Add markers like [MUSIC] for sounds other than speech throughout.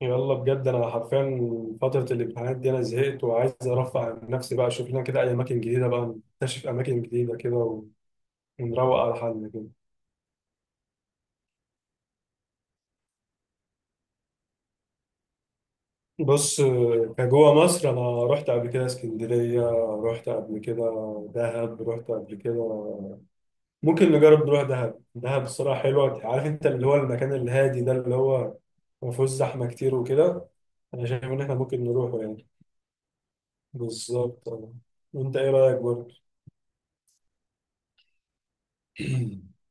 يلا بجد، انا حرفيا فتره الامتحانات دي انا زهقت وعايز ارفع عن نفسي بقى، اشوف لنا كده اي اماكن جديده بقى نكتشف اماكن جديده كده ونروق على حالنا كده. بص، كجوه مصر انا رحت قبل كده اسكندريه، رحت قبل كده دهب، رحت قبل كده. ممكن نجرب نروح دهب. دهب الصراحه حلوه، عارف انت اللي هو المكان الهادي ده، اللي هو ما فيهوش زحمه كتير وكده. انا شايف ان احنا ممكن نروحه يعني. بالظبط. وانت ايه رايك برضه؟ [CLEARS THROAT]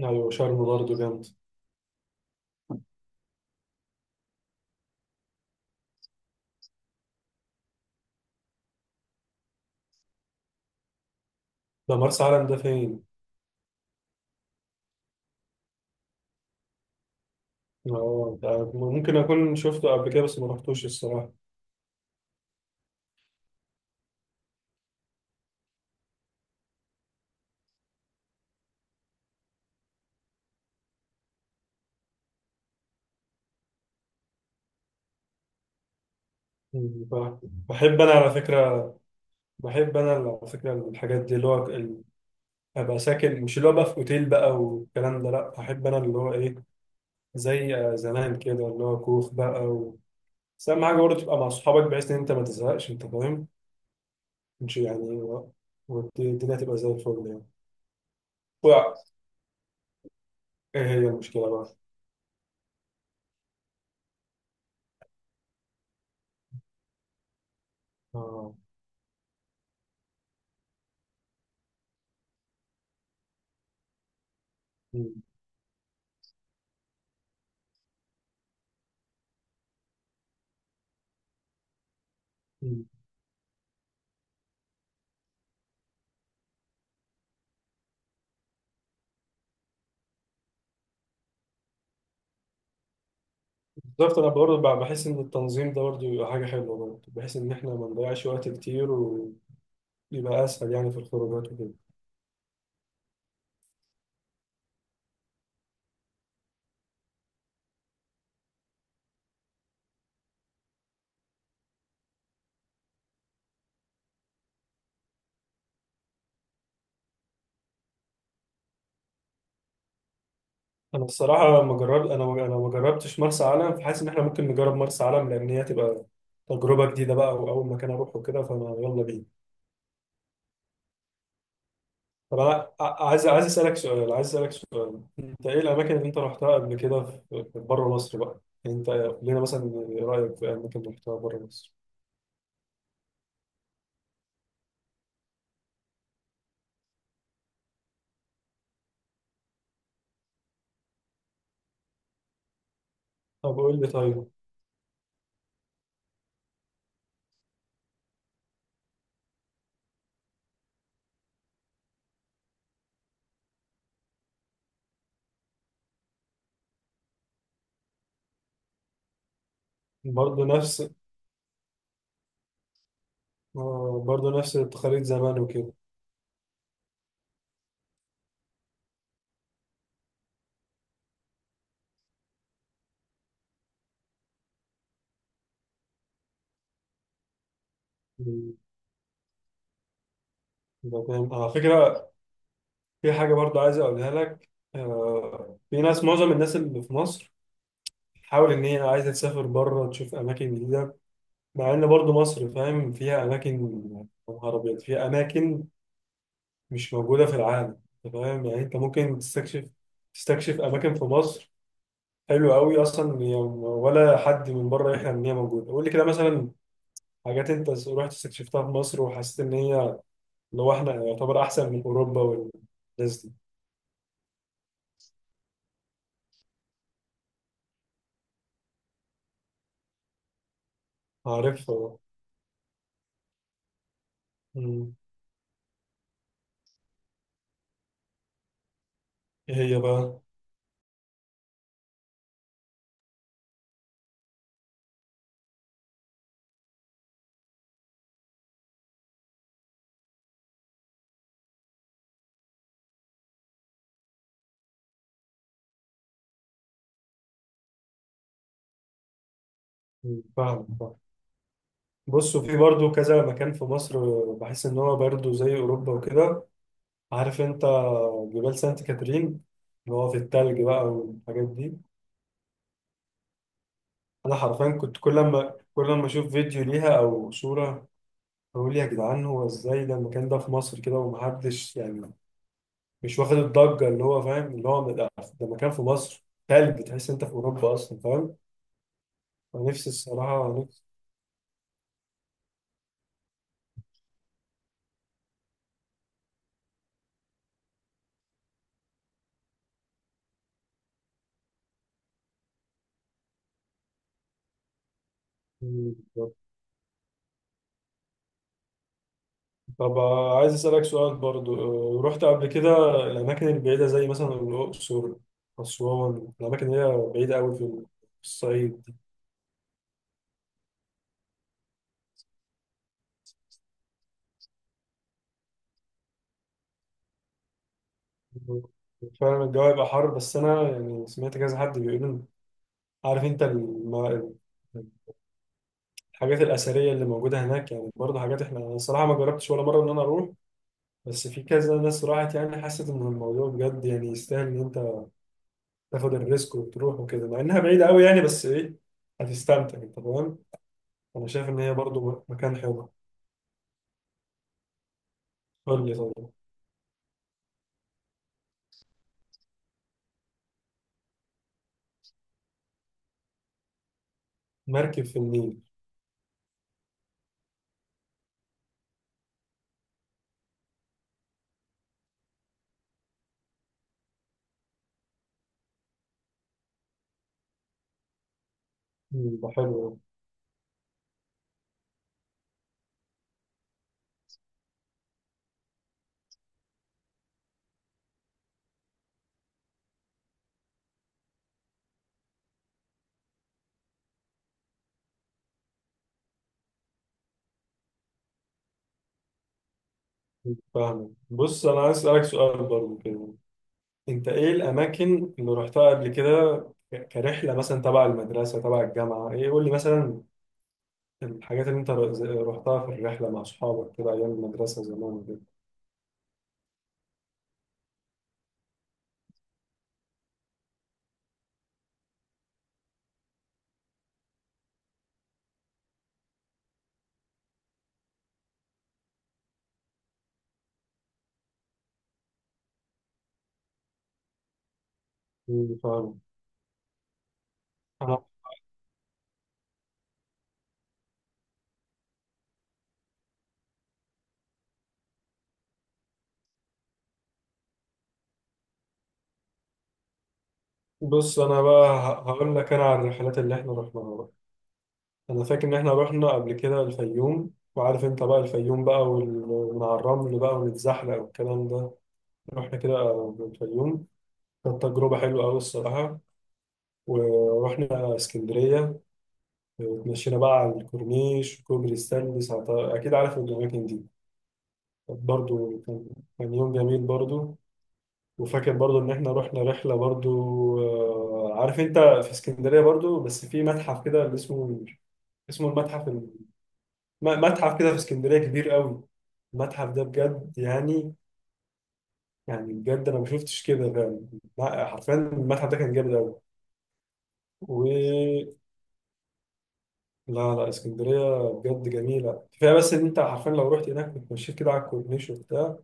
ايوه شرم برضه جامد. ده مرسى علم ده فين؟ اه ده ممكن اكون شفته قبل كده بس ما رحتوش الصراحه. بحب انا على فكره، الحاجات دي اللي هو ابقى ساكن، مش اللي هو بقى في اوتيل بقى والكلام ده، لا بحب انا اللي هو ايه، زي زمان كده، اللي هو كوخ بقى. و... بس اهم حاجه برضه تبقى مع اصحابك بحيث ان انت ما تزهقش، انت فاهم؟ مش يعني والدنيا تبقى زي الفل يعني. وقع. ايه هي المشكله بقى؟ اه. مم. بالظبط، انا برضه بحس ان التنظيم ده برضه بيبقى حاجه حلوه برضه، بحيث ان احنا ما نضيعش وقت كتير ويبقى اسهل يعني في الخروجات وكده. انا الصراحه لما جربت انا ما جربتش مرسى علم، فحاسس ان احنا ممكن نجرب مرسى علم، لان هي تبقى تجربه جديده بقى واول مكان اروحه كده، فانا يلا بينا. طب انا عايز اسالك سؤال، انت ايه الاماكن اللي انت رحتها قبل كده في بره مصر بقى؟ يعني انت قول لنا مثلا رايك في اماكن رحتها بره مصر. طب قول لي طيب. برضه نفس، التقاليد زمان وكده. مم. ده فاهم على فكرة. في حاجة برضه عايز أقولها لك. آه، في ناس معظم الناس اللي في مصر تحاول إن هي عايزة تسافر بره تشوف أماكن جديدة، مع إن برضه مصر فاهم فيها أماكن، يا نهار أبيض فيها أماكن مش موجودة في العالم. أنت فاهم؟ يعني أنت ممكن تستكشف أماكن في مصر حلوة أوي أصلا هي، ولا حد من بره يحلم إن هي موجودة. قول لي كده مثلا حاجات أنت رحت استكشفتها في مصر وحسيت إن هي اللي هو احنا يعتبر احسن من اوروبا والناس دي. عارفها. مم. ايه هي بقى؟ مم. فاهم فاهم. بص، وفي برضو كذا مكان في مصر بحس ان هو برضو زي اوروبا وكده، عارف انت جبال سانت كاترين، اللي هو في التلج بقى والحاجات دي. انا حرفيا كنت كل ما كل ما اشوف فيديو ليها او صورة، اقول يا جدعان هو ازاي ده، المكان ده في مصر كده ومحدش يعني مش واخد الضجة؟ اللي هو فاهم، اللي هو ده مكان في مصر تلج، تحس انت في اوروبا اصلا، فاهم؟ نفسي الصراحة نفسي. طب عايز أسألك سؤال برضو، رحت قبل كده الأماكن البعيدة زي مثلا الأقصر، أسوان، الأماكن اللي هي بعيدة أوي في الصعيد دي؟ فعلا الجو هيبقى حر، بس أنا يعني سمعت كذا حد بيقول إن- عارف أنت الحاجات الأثرية اللي موجودة هناك، يعني برضه حاجات أنا الصراحة ما جربتش ولا مرة إن أنا أروح، بس في كذا ناس راحت يعني حست إن الموضوع بجد يعني يستاهل إن أنت تاخد الريسك وتروح وكده، مع انها بعيده قوي يعني، بس ايه، هتستمتع، انت فاهم؟ انا شايف ان هي برضو مكان حلو. قول لي طيب. مركب في النيل. ده حلو. فاهم. بص، انا عايز اسالك سؤال برضو كده، انت ايه الاماكن اللي رحتها قبل كده كرحله مثلا تبع المدرسه تبع الجامعه؟ ايه، قول لي مثلا الحاجات اللي انت رحتها في الرحله مع اصحابك كده ايام المدرسه زمان كده. مم، فاهم. انا بص، انا بقى هقول لك انا على الرحلات اللي احنا رحناها بقى. انا فاكر ان احنا رحنا قبل كده الفيوم، وعارف انت بقى الفيوم بقى ومن على الرمل بقى ونتزحلق والكلام ده. رحنا كده الفيوم، كانت تجربة حلوة أوي الصراحة. ورحنا اسكندرية، وتمشينا بقى على الكورنيش وكوبري ستانلي ساعتها، أكيد عارف الأماكن دي، كانت برضو كان كان يوم جميل برضو. وفاكر برضو إن إحنا رحنا رحلة برضو، عارف أنت في اسكندرية برضو بس في متحف كده اللي اسمه، اسمه المتحف، متحف كده في اسكندرية كبير قوي. المتحف ده بجد يعني بجد انا ما شفتش كده فعلا. لا، حرفيا المتحف ده كان جامد قوي، و لا لا، اسكندرية بجد جميلة كفاية، بس ان انت حرفيا لو رحت هناك بتمشيت كده على الكورنيش وبتاع،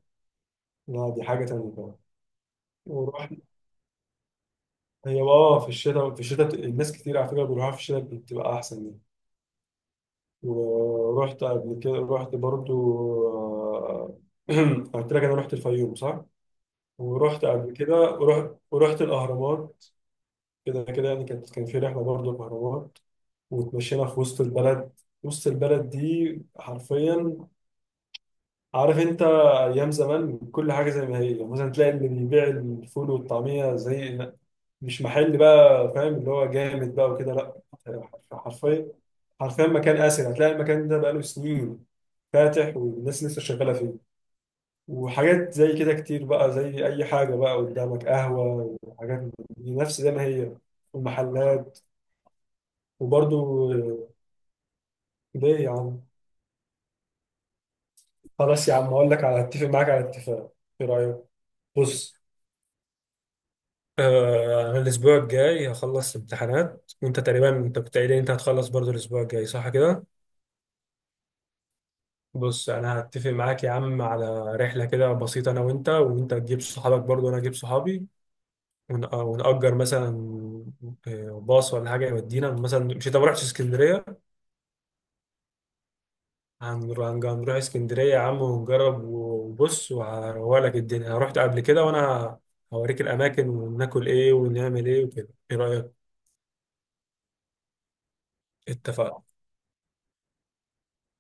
لا دي حاجة تانية بقى. ورحت هي اه في الشتاء الناس كتير على فكرة بيروحوها، في الشتاء بتبقى أحسن يعني. ورحت قبل كده، رحت برضو، آه، [CLEARS THROAT] قلت لك أنا رحت الفيوم صح؟ ورحت قبل كده، ورحت الأهرامات كده كده يعني، كان في رحلة برضه الأهرامات، واتمشينا في وسط البلد. وسط البلد دي حرفيا، عارف انت، ايام زمان كل حاجه زي ما هي، يعني مثلا تلاقي اللي بيبيع الفول والطعميه زي، مش محل بقى فاهم اللي هو جامد بقى وكده، لا حرفيا، حرفيا مكان آسر، هتلاقي المكان ده بقاله سنين فاتح والناس لسه شغالة فيه. وحاجات زي كده كتير بقى، زي أي حاجة بقى قدامك قهوة وحاجات من دي، نفس زي ما هي، والمحلات. وبرضو ليه يا عم؟ خلاص يا عم، هقول لك على اتفق معاك على اتفاق. ايه رايك؟ بص. انا الاسبوع الجاي هخلص امتحانات، وانت تقريبا انت كنت قايل لي انت هتخلص برضو الاسبوع الجاي، صح كده؟ بص، انا هتفق معاك يا عم على رحله كده بسيطه، انا وانت تجيب صحابك برضو وانا اجيب صحابي، ونأجر مثلا باص ولا حاجه يودينا مثلا. مش انت ما رحتش اسكندريه؟ هنروح، اسكندرية يا عم ونجرب، وبص وهروّلك الدنيا، أنا رحت قبل كده وأنا هوريك الأماكن وناكل إيه ونعمل إيه وكده. إيه رأيك؟ اتفقنا.